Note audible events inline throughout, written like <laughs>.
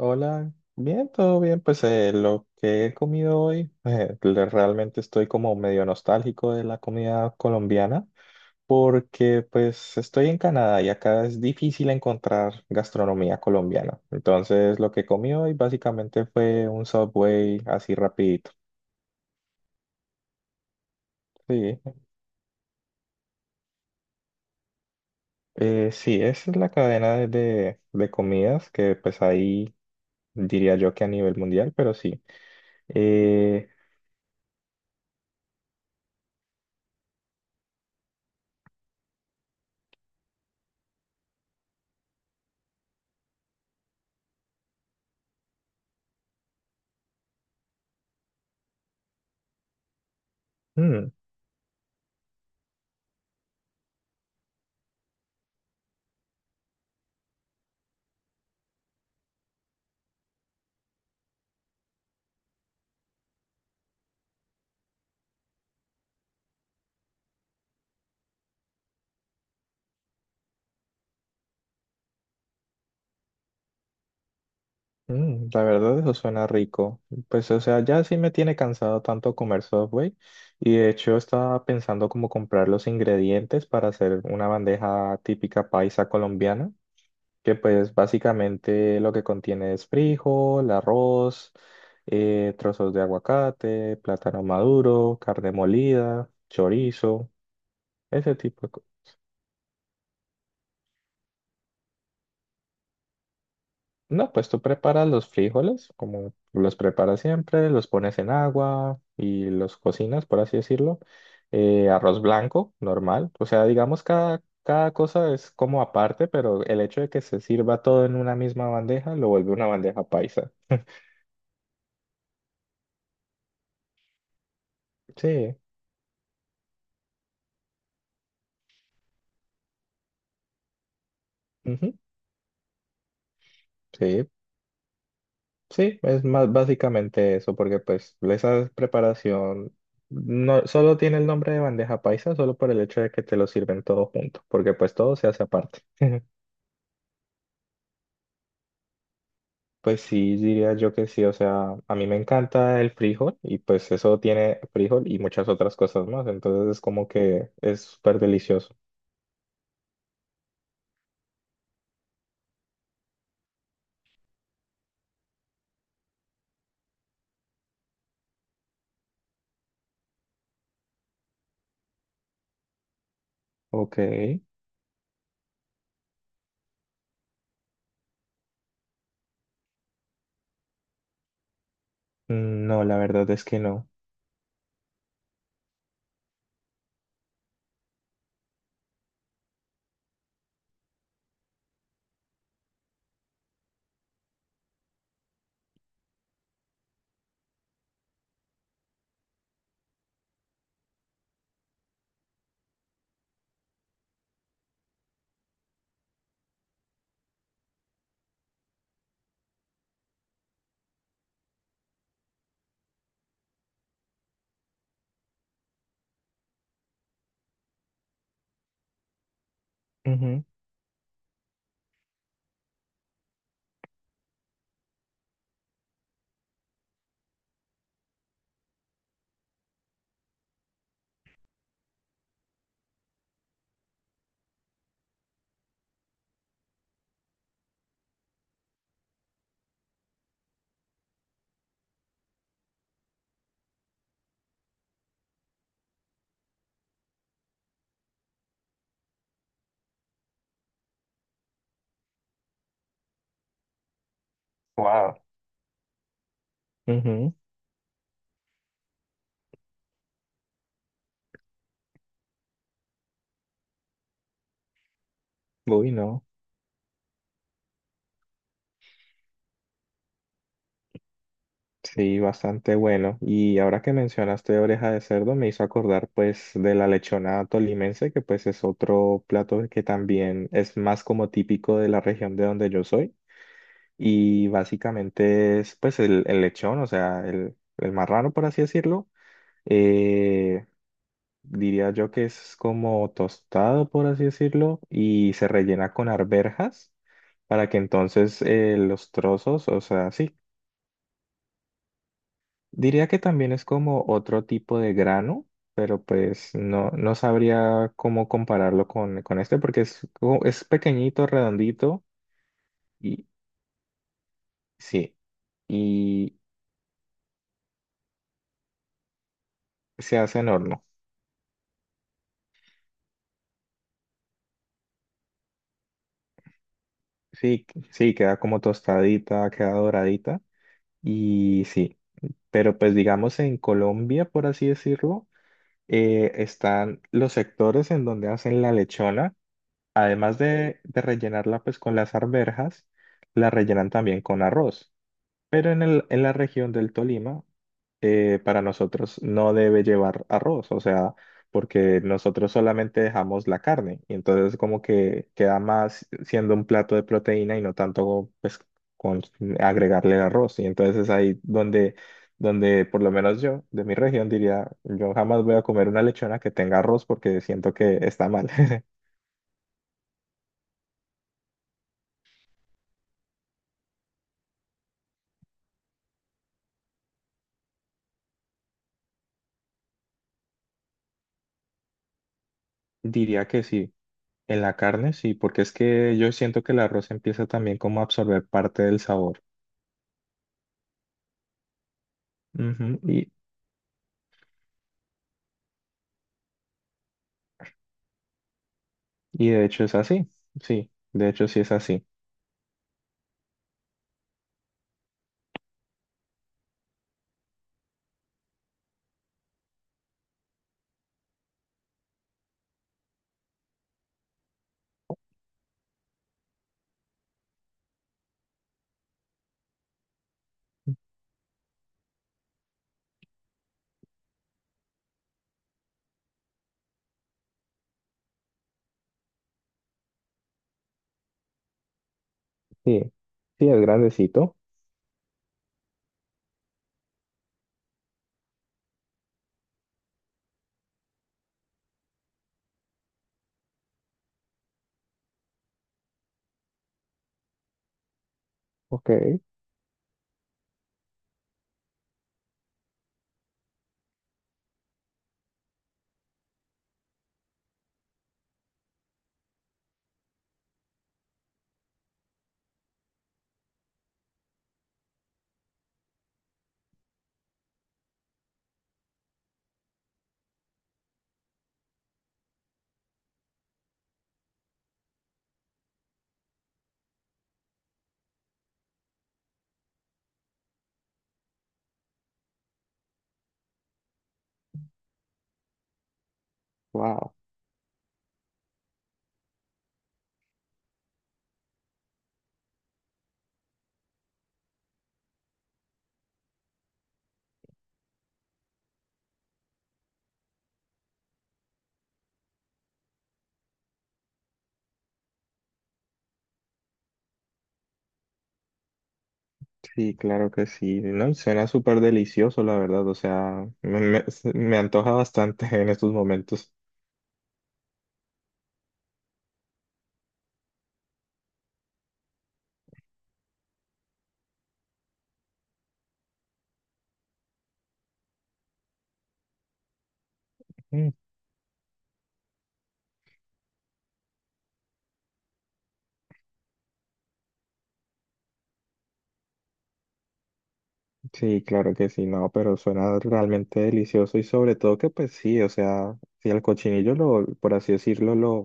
Hola, bien, todo bien. Pues lo que he comido hoy, realmente estoy como medio nostálgico de la comida colombiana porque pues estoy en Canadá y acá es difícil encontrar gastronomía colombiana. Entonces lo que comí hoy básicamente fue un Subway así rapidito. Sí, sí, esa es la cadena de comidas que pues ahí diría yo que a nivel mundial, pero sí. Eh, mm, Mm, la verdad, eso suena rico. Pues, o sea, ya sí me tiene cansado tanto comer Subway y de hecho estaba pensando como comprar los ingredientes para hacer una bandeja típica paisa colombiana, que pues básicamente lo que contiene es frijol, arroz, trozos de aguacate, plátano maduro, carne molida, chorizo, ese tipo de cosas. No, pues tú preparas los frijoles, como los preparas siempre, los pones en agua y los cocinas, por así decirlo. Arroz blanco, normal. O sea, digamos, cada cosa es como aparte, pero el hecho de que se sirva todo en una misma bandeja lo vuelve una bandeja paisa. Sí, ujú, sí, sí, es más básicamente eso, porque pues esa preparación no solo tiene el nombre de bandeja paisa, solo por el hecho de que te lo sirven todo junto, porque pues todo se hace aparte. <laughs> Pues sí, diría yo que sí, o sea, a mí me encanta el frijol y pues eso tiene frijol y muchas otras cosas más, entonces es como que es súper delicioso. Ok. Mm, no, la verdad es que no. Ujú. Wow. Ujú. Uy, no. Sí, bastante bueno. Y ahora que mencionaste oreja de cerdo, me hizo acordar pues de la lechona tolimense, que pues es otro plato que también es más como típico de la región de donde yo soy. Y básicamente es pues el lechón, o sea, el marrano por así decirlo. Eh, Diría yo que es como tostado por así decirlo y se rellena con arvejas para que entonces los trozos, o sea, sí, diría que también es como otro tipo de grano, pero pues no, no sabría cómo compararlo con este porque es, es pequeñito, redondito y sí, y se hace en horno. Sí, sí, queda como tostadita, queda doradita y sí, pero pues digamos en Colombia, por así decirlo, están los sectores en donde hacen la lechona, además de rellenarla pues con las arvejas, la rellenan también con arroz. Pero en el, en la región del Tolima, para nosotros no debe llevar arroz, o sea, porque nosotros solamente dejamos la carne y entonces como que queda más siendo un plato de proteína y no tanto pues con agregarle el arroz. Y entonces es ahí donde, donde por lo menos yo de mi región diría, yo jamás voy a comer una lechona que tenga arroz porque siento que está mal. <laughs> Diría que sí. En la carne sí, porque es que yo siento que el arroz empieza también como a absorber parte del sabor. Ujú. Y de hecho es así, sí, de hecho sí es así, sí, sí es grandecito, ok, wow, sí, claro que sí, no, suena súper delicioso, la verdad, o sea, me antoja bastante <laughs> en estos momentos. Mm, sí, claro que sí, no, pero suena realmente delicioso y sobre todo que pues sí, o sea, si el cochinillo lo, por así decirlo, lo,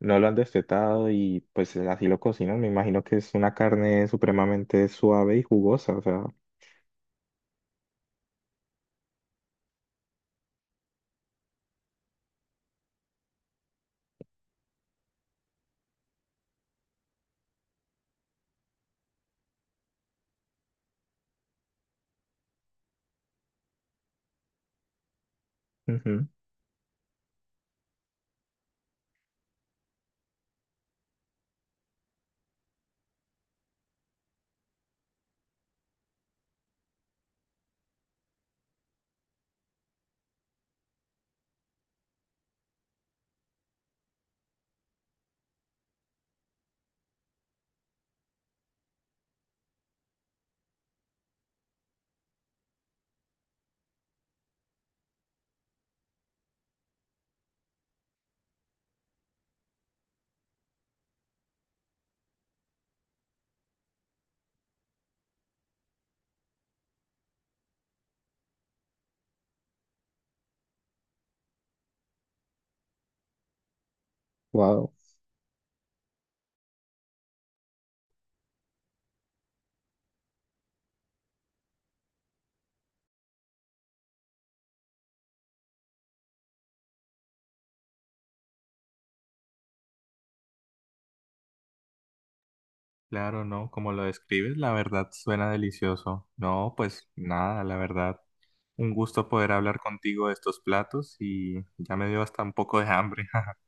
no lo han destetado y pues así lo cocinan, me imagino que es una carne supremamente suave y jugosa, o sea. Ujú. Wow. Claro, ¿no? Como lo describes, la verdad suena delicioso. No, pues nada, la verdad. Un gusto poder hablar contigo de estos platos y ya me dio hasta un poco de hambre. <laughs>